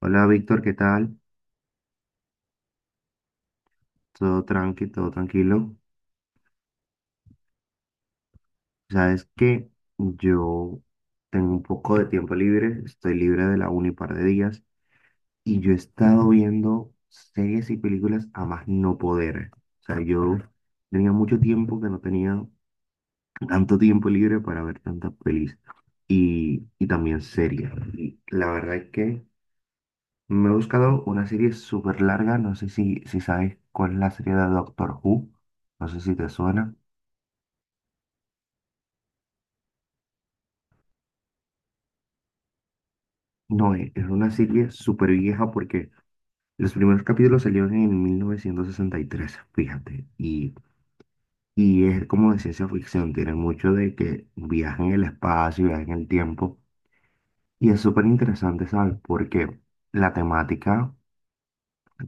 Hola Víctor, ¿qué tal? Todo tranqui, todo tranquilo. Sabes que yo tengo un poco de tiempo libre, estoy libre de la uni un par de días y yo he estado viendo series y películas a más no poder. O sea, yo tenía mucho tiempo que no tenía tanto tiempo libre para ver tantas pelis y también series. Y la verdad es que me he buscado una serie súper larga, no sé si sabes cuál es la serie de Doctor Who, no sé si te suena. No, es una serie súper vieja porque los primeros capítulos salieron en 1963, fíjate, y es como de ciencia ficción, tiene mucho de que viajan en el espacio, viajan en el tiempo, y es súper interesante, ¿sabes? Porque la temática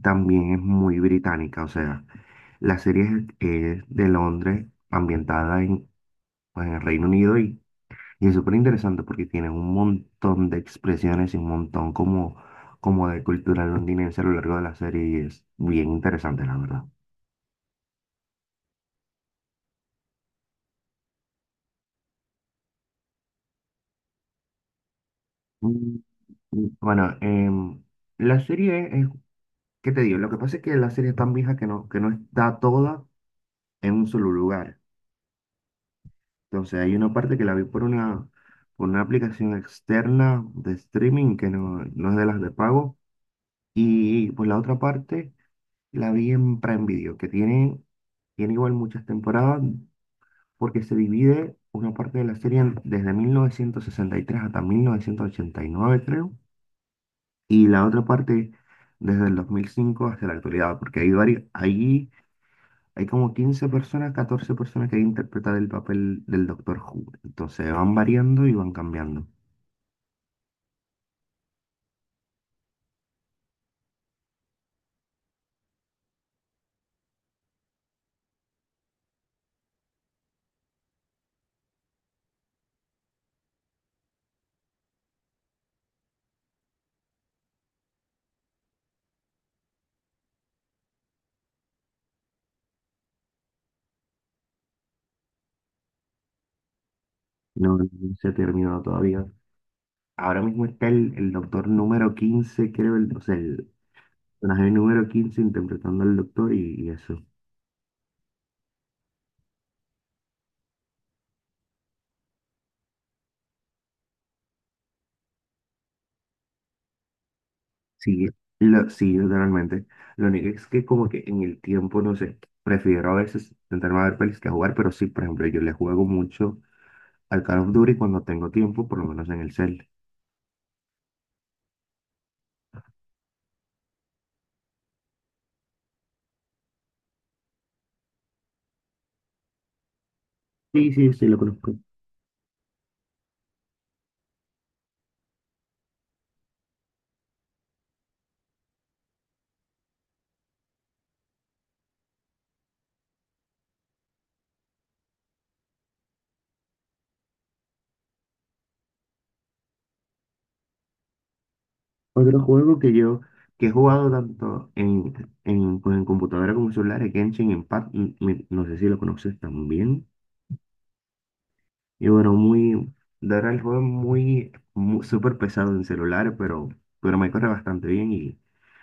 también es muy británica, o sea, la serie es, es de Londres, ambientada en, pues, en el Reino Unido. Y es súper interesante porque tienen un montón de expresiones y un montón como de cultura londinense a lo largo de la serie y es bien interesante, la verdad. Mm, Bueno, la serie es, ¿qué te digo? Lo que pasa es que la serie es tan vieja que que no está toda en un solo lugar. Entonces hay una parte que la vi por por una aplicación externa de streaming que no es de las de pago y pues la otra parte... La vi en Prime Video, que tiene igual muchas temporadas, porque se divide una parte de la serie desde 1963 hasta 1989 creo, y la otra parte desde el 2005 hasta la actualidad, porque hay varios, ahí hay como 15 personas, 14 personas que interpretan el papel del Doctor Who. Entonces van variando y van cambiando. No, no se ha terminado todavía. Ahora mismo está el doctor número 15 creo, el, o sea, el, personaje número 15 interpretando al doctor y eso. Sí, sí, literalmente. Lo único es que como que en el tiempo, no sé, prefiero a veces sentarme a ver pelis que a jugar, pero sí, por ejemplo, yo le juego mucho al Call of Duty cuando tengo tiempo, por lo menos en el cel. Sí, sí, sí, lo conozco. Otro juego que yo, que he jugado tanto pues, en computadora como en celular, es Genshin Impact, y no sé si lo conoces también. Y bueno, muy, de verdad el juego es muy, súper pesado en celular, pero me corre bastante bien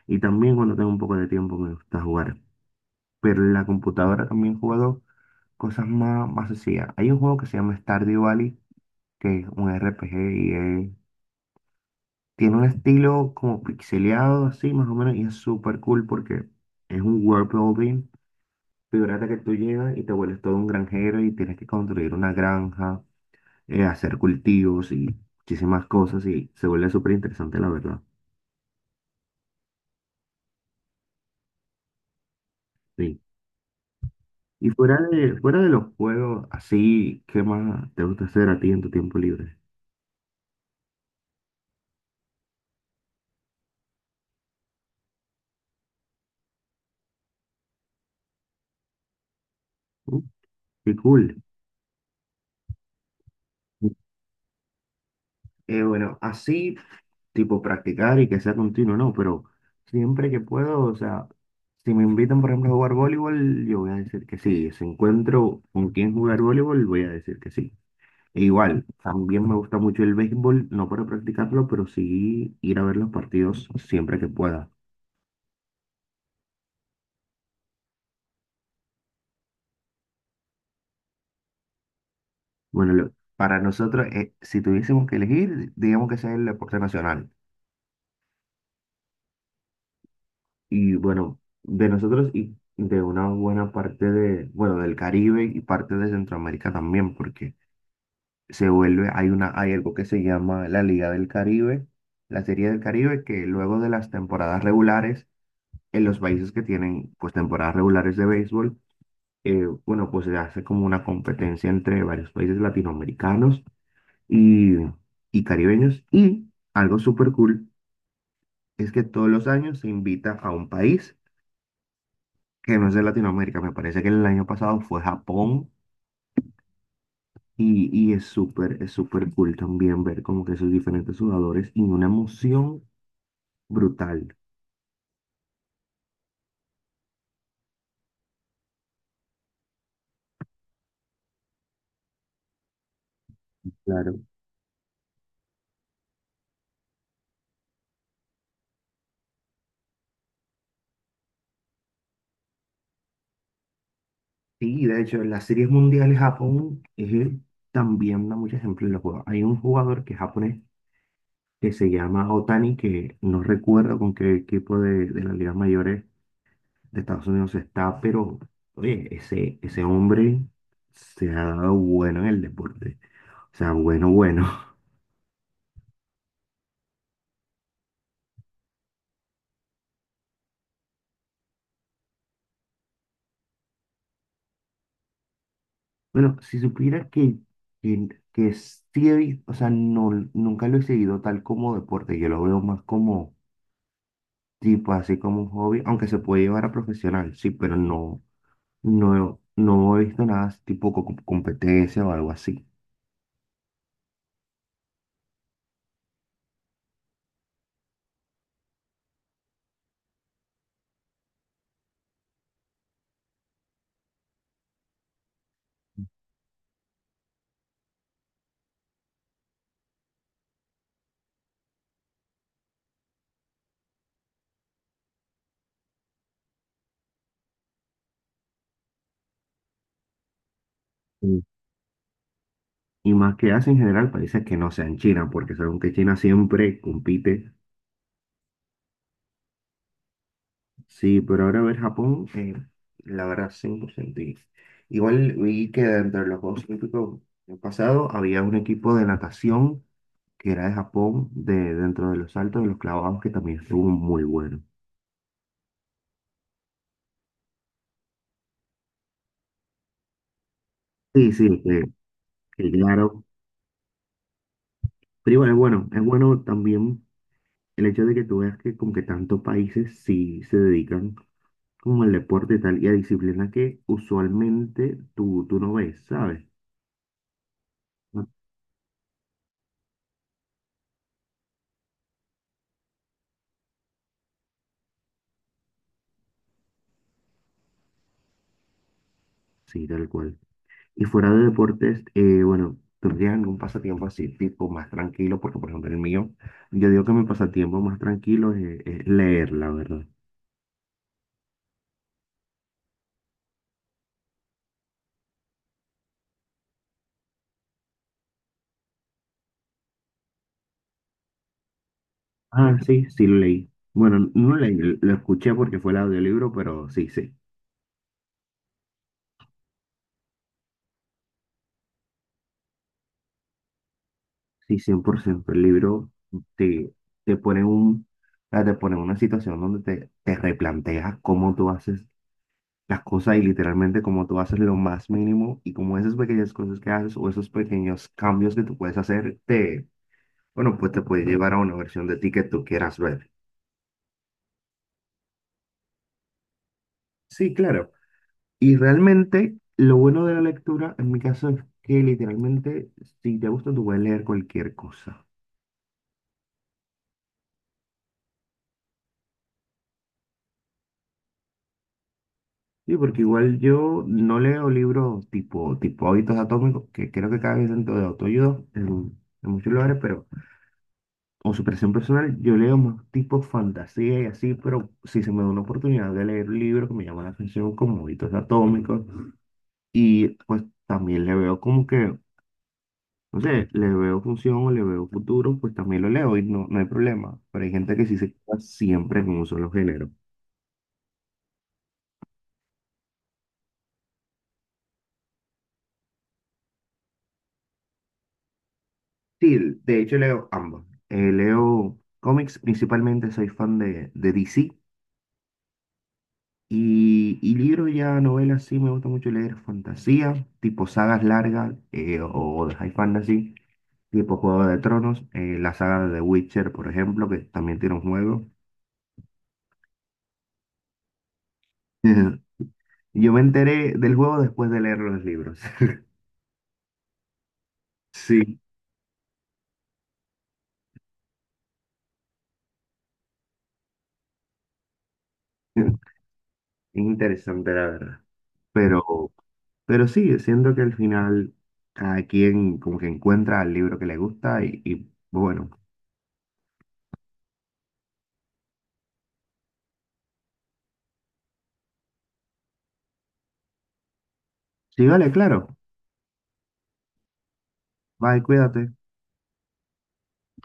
y también cuando tengo un poco de tiempo me gusta jugar. Pero en la computadora también he jugado cosas más, más sencillas. Hay un juego que se llama Stardew Valley, que es un RPG y tiene un estilo como pixeleado así más o menos y es súper cool porque es un world building. Figúrate que tú llegas y te vuelves todo un granjero y tienes que construir una granja hacer cultivos y muchísimas cosas y se vuelve súper interesante, la verdad. Sí. Y fuera fuera de los juegos, así, ¿qué más te gusta hacer a ti en tu tiempo libre? Uh, qué cool. Bueno, así, tipo practicar y que sea continuo, no, pero siempre que puedo, o sea, si me invitan, por ejemplo, a jugar voleibol, yo voy a decir que sí. Si encuentro con quién jugar voleibol, voy a decir que sí. E igual, también me gusta mucho el béisbol, no para practicarlo, pero sí ir a ver los partidos siempre que pueda. Bueno, para nosotros, si tuviésemos que elegir, digamos que sea el deporte nacional. Y bueno, de nosotros y de una buena parte de, bueno, del Caribe y parte de Centroamérica también, porque se vuelve, hay una, hay algo que se llama la Liga del Caribe, la Serie del Caribe, que luego de las temporadas regulares, en los países que tienen pues temporadas regulares de béisbol, bueno, pues se hace como una competencia entre varios países latinoamericanos y, y caribeños. Y algo súper cool es que todos los años se invita a un país que no es de Latinoamérica. Me parece que el año pasado fue Japón y es súper cool también ver como que sus diferentes jugadores y una emoción brutal. Claro. Sí, de hecho, en las series mundiales Japón también da muchos ejemplos en los juegos. Hay un jugador que es japonés que se llama Otani, que no recuerdo con qué equipo de las ligas mayores de Estados Unidos está, pero oye, ese hombre se ha dado bueno en el deporte. O sea, bueno, bueno. Bueno, si supiera que sí he visto, o sea, no, nunca lo he seguido tal como deporte, yo lo veo más como tipo, así como un hobby, aunque se puede llevar a profesional, sí, pero no, no he visto nada así tipo competencia o algo así. Y más que Asia en general, países que no sean China, porque según que China siempre compite. Sí, pero ahora ver Japón, la verdad, 100%. Y igual vi que dentro de los Juegos Olímpicos del pasado había un equipo de natación que era de Japón, de, dentro de los saltos y los clavados, que también estuvo muy bueno. Sí, que claro. Pero igual es bueno también el hecho de que tú veas que como que tantos países sí se dedican como el deporte y tal, y a disciplinas que usualmente tú no ves, ¿sabes? Ah, sí, tal cual. Y fuera de deportes, bueno, ¿tú tienes algún pasatiempo así, tipo más tranquilo? Porque, por ejemplo, el mío, yo digo que mi pasatiempo más tranquilo es leer, la verdad. Ah, sí, sí lo leí. Bueno, no leí, lo escuché porque fue el audiolibro, pero sí, sí. Sí, cien por ciento. El libro te, te pone o sea, te pone en una situación donde te replanteas cómo tú haces las cosas y literalmente como tú haces lo más mínimo y como esas pequeñas cosas que haces o esos pequeños cambios que tú puedes hacer, te, bueno, pues te puede llevar a una versión de ti que tú quieras ver. Sí, claro. Y realmente lo bueno de la lectura, en mi caso, es que literalmente si te gusta, tú puedes leer cualquier cosa. Sí, porque igual yo no leo libros tipo Hábitos Atómicos, que creo que cada vez dentro de autoayuda en muchos lugares, pero... o superación personal, yo leo más tipo fantasía y así, pero si se me da una oportunidad de leer un libro que me llama la atención como Hábitos Atómicos, y pues también le veo como que, no sé, le veo función o le veo futuro, pues también lo leo y no, no hay problema, pero hay gente que sí se queda siempre en un solo género. Sí, de hecho leo ambos. Leo cómics, principalmente soy fan de DC. Y libros ya, novelas, sí, me gusta mucho leer fantasía, tipo sagas largas o de high fantasy, tipo Juego de Tronos, la saga de The Witcher, por ejemplo, que también tiene un juego. Yo me enteré del juego después de leer los libros. Sí, interesante la verdad. Pero, pero sí, siento que al final cada quien como que encuentra el libro que le gusta y bueno, sí, vale, claro. Bye, cuídate.